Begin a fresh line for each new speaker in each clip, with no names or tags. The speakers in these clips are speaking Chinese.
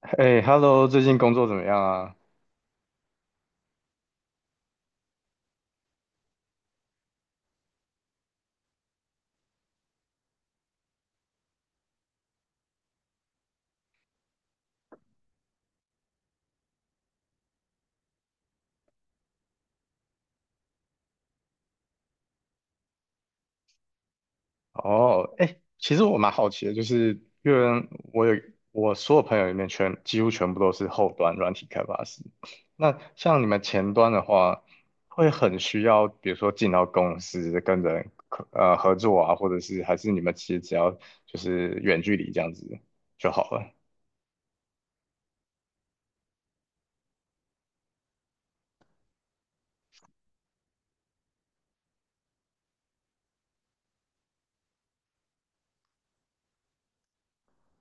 哎，Hello，最近工作怎么样啊？哦，哎，其实我蛮好奇的，就是因为我有我所有朋友里面几乎全部都是后端软体开发师。那像你们前端的话，会很需要，比如说进到公司跟人合作啊，或者是还是你们其实只要就是远距离这样子就好了。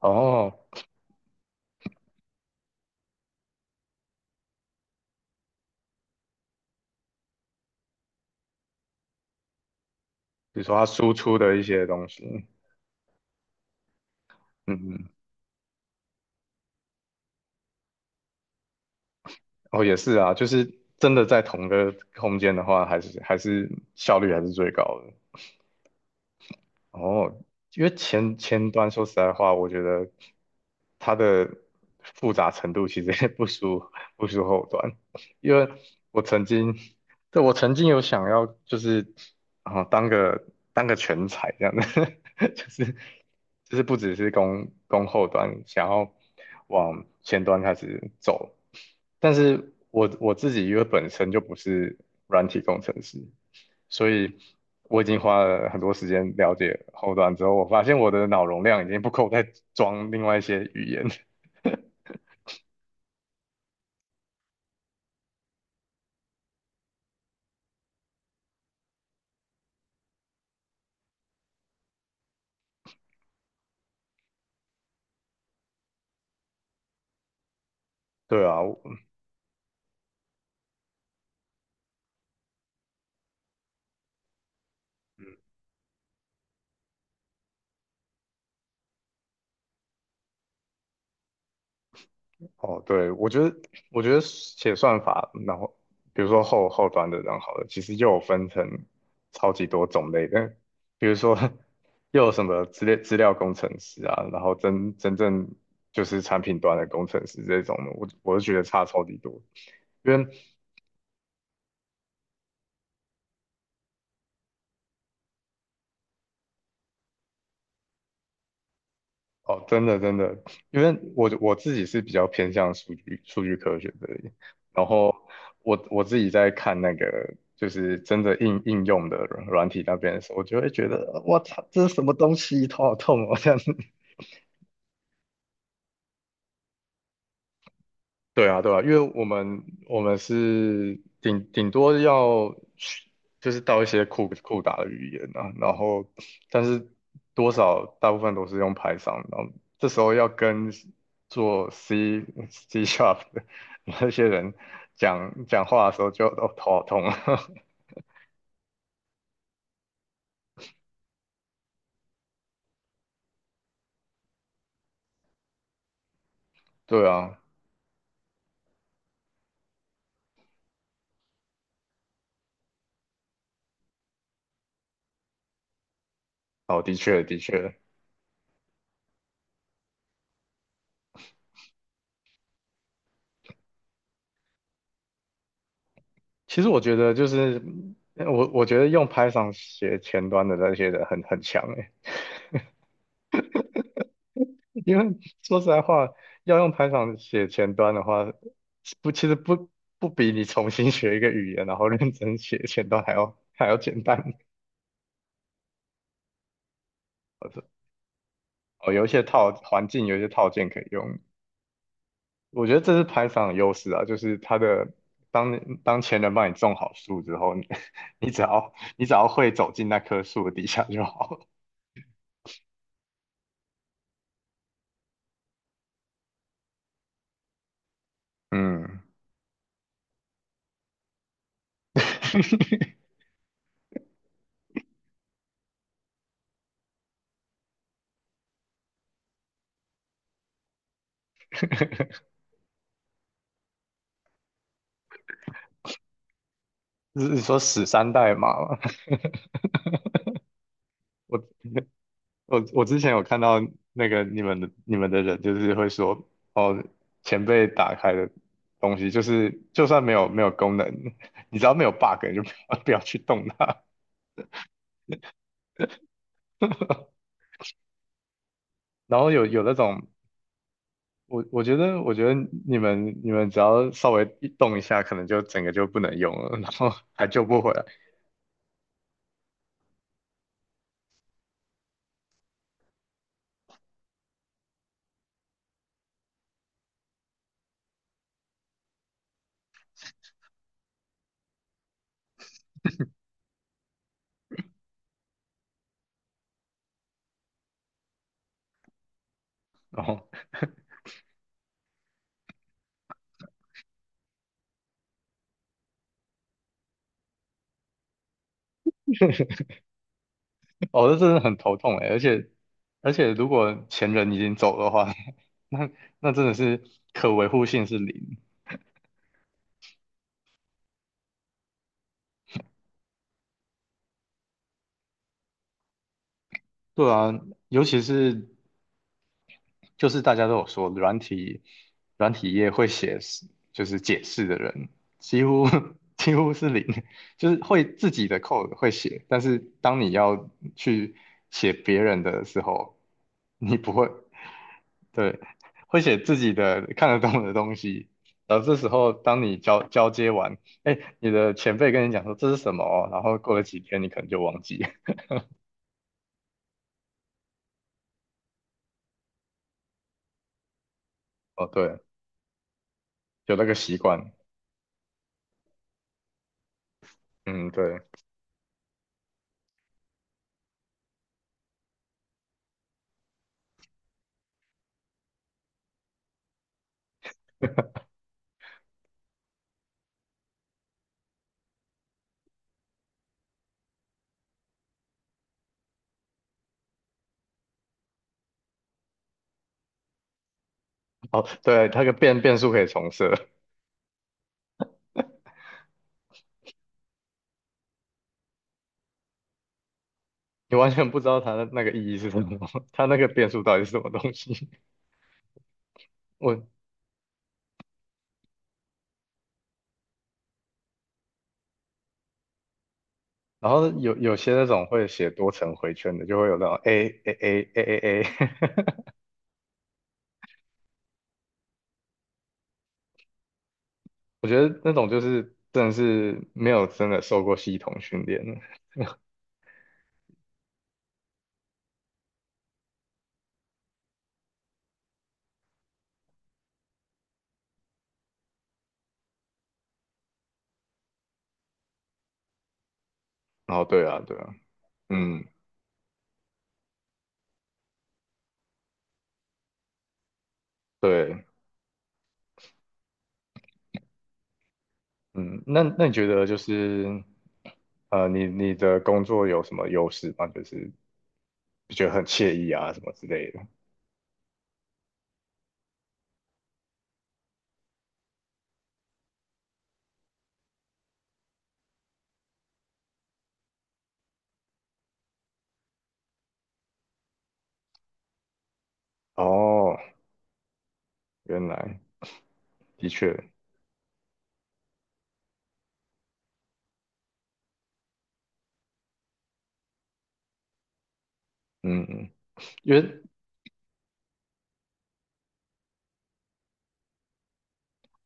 哦，比如说他输出的一些东西，嗯嗯哦，也是啊，就是真的在同个空间的话，还是效率还是最高的。哦，因为前端说实在话，我觉得它的复杂程度其实也不输后端，因为我曾经，对，我曾经有想要就是啊、当个全才这样的，就是就是不只是攻后端，想要往前端开始走，但是我自己因为本身就不是软体工程师，所以我已经花了很多时间了解后端之后，我发现我的脑容量已经不够再装另外一些语言。对啊，嗯哦，对，我觉得写算法，然后比如说后端的，然后好了，其实又有分成超级多种类的，比如说 又有什么资料工程师啊，然后真正就是产品端的工程师这种的，我就觉得差超级多。因为哦，真的真的，因为我自己是比较偏向数据科学的，然后我自己在看那个就是真的应用的软体那边的时候，我就会觉得我操，这是什么东西，头好痛哦，这样。对啊，对啊，因为我们是顶多要去就是到一些酷酷打的语言啊，然后但是多少大部分都是用 Python，然后这时候要跟做 C C Sharp 的那些人讲话的时候就哦头好痛啊，对啊，哦的确的确，其实我觉得就是我觉得用 Python 写前端的那些人很强诶、因为说实在话，要用 Python 写前端的话，不，其实不比你重新学一个语言，然后认真写前端还要简单。好的，哦，有一些套环境，有一些套件可以用。我觉得这是 Python 的优势啊，就是它的当当前人帮你种好树之后，你 你只要会走进那棵树的底下就好了。嗯，是说死三代码吗？我我之前有看到那个你们的人，就是会说，哦，前辈打开的东西，就是就算没有功能，你只要没有 bug，你就不要去动它。然后有那种，我觉得你们只要稍微一动一下，可能就整个就不能用了，然后还救不回来。然后哦，这真的很头痛哎，而且如果前人已经走的话，那那真的是可维护性是零。对啊，尤其是就是大家都有说，软体业会写就是解释的人，几乎 几乎是零，就是会自己的 code 会写，但是当你要去写别人的时候，你不会，对，会写自己的看得懂的东西。然后这时候，当你交接完，哎，你的前辈跟你讲说这是什么哦然后过了几天，你可能就忘记。哦，对，有那个习惯。嗯，对。哦，对，它个变数可以重设，你完全不知道它的那个意义是什么，它那个变数到底是什么东西。我，然后有些那种会写多层回圈的，就会有那种 A A A A A A，我觉得那种就是真的是没有真的受过系统训练的。然后对啊，对啊，嗯，对，嗯，那你觉得就是你的工作有什么优势吗？就是觉得很惬意啊什么之类的。哦，原来的确。嗯，嗯因为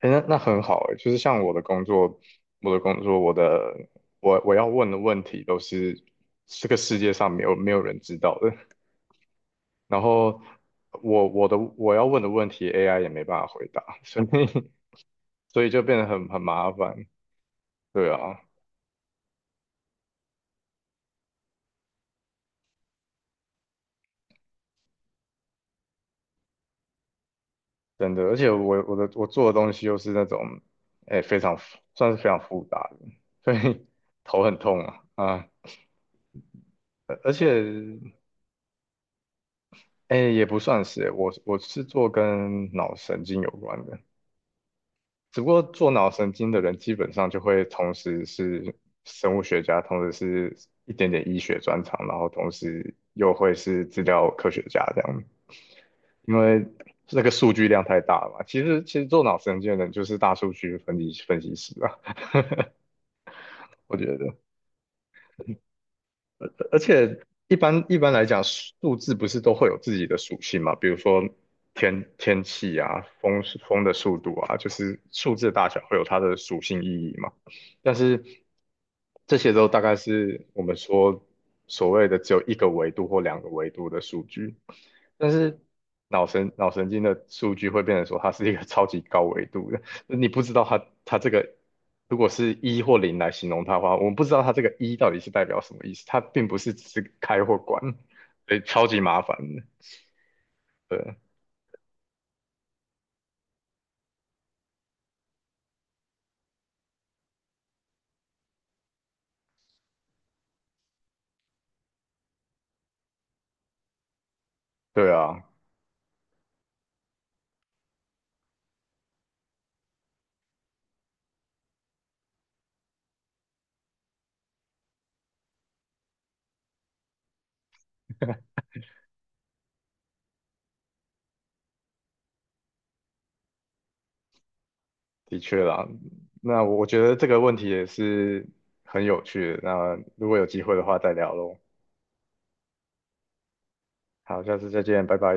诶那很好诶，就是像我的工作，我的工作，我的我要问的问题都是这个世界上没有人知道的，然后我要问的问题 AI 也没办法回答，所以 所以就变得很麻烦，对啊，真的，而且我做的东西又是那种诶非常复算是非常复杂的，所以 头很痛啊啊，而且。哎，也不算是，我是做跟脑神经有关的，只不过做脑神经的人基本上就会同时是生物学家，同时是一点点医学专长，然后同时又会是资料科学家这样，因为那个数据量太大了嘛。其实做脑神经的人就是大数据分析师啊，我觉得。而且一般来讲，数字不是都会有自己的属性嘛？比如说天气啊，风的速度啊，就是数字的大小会有它的属性意义嘛。但是这些都大概是我们说所谓的只有一个维度或两个维度的数据，但是脑神经的数据会变成说它是一个 超级高维度的。你不知道它这个如果是一或零来形容它的话，我们不知道它这个一到底是代表什么意思，它并不是只是开或关，所以超级麻烦的对对啊，的确啦。那我觉得这个问题也是很有趣的。那如果有机会的话再聊喽。好，下次再见，拜拜。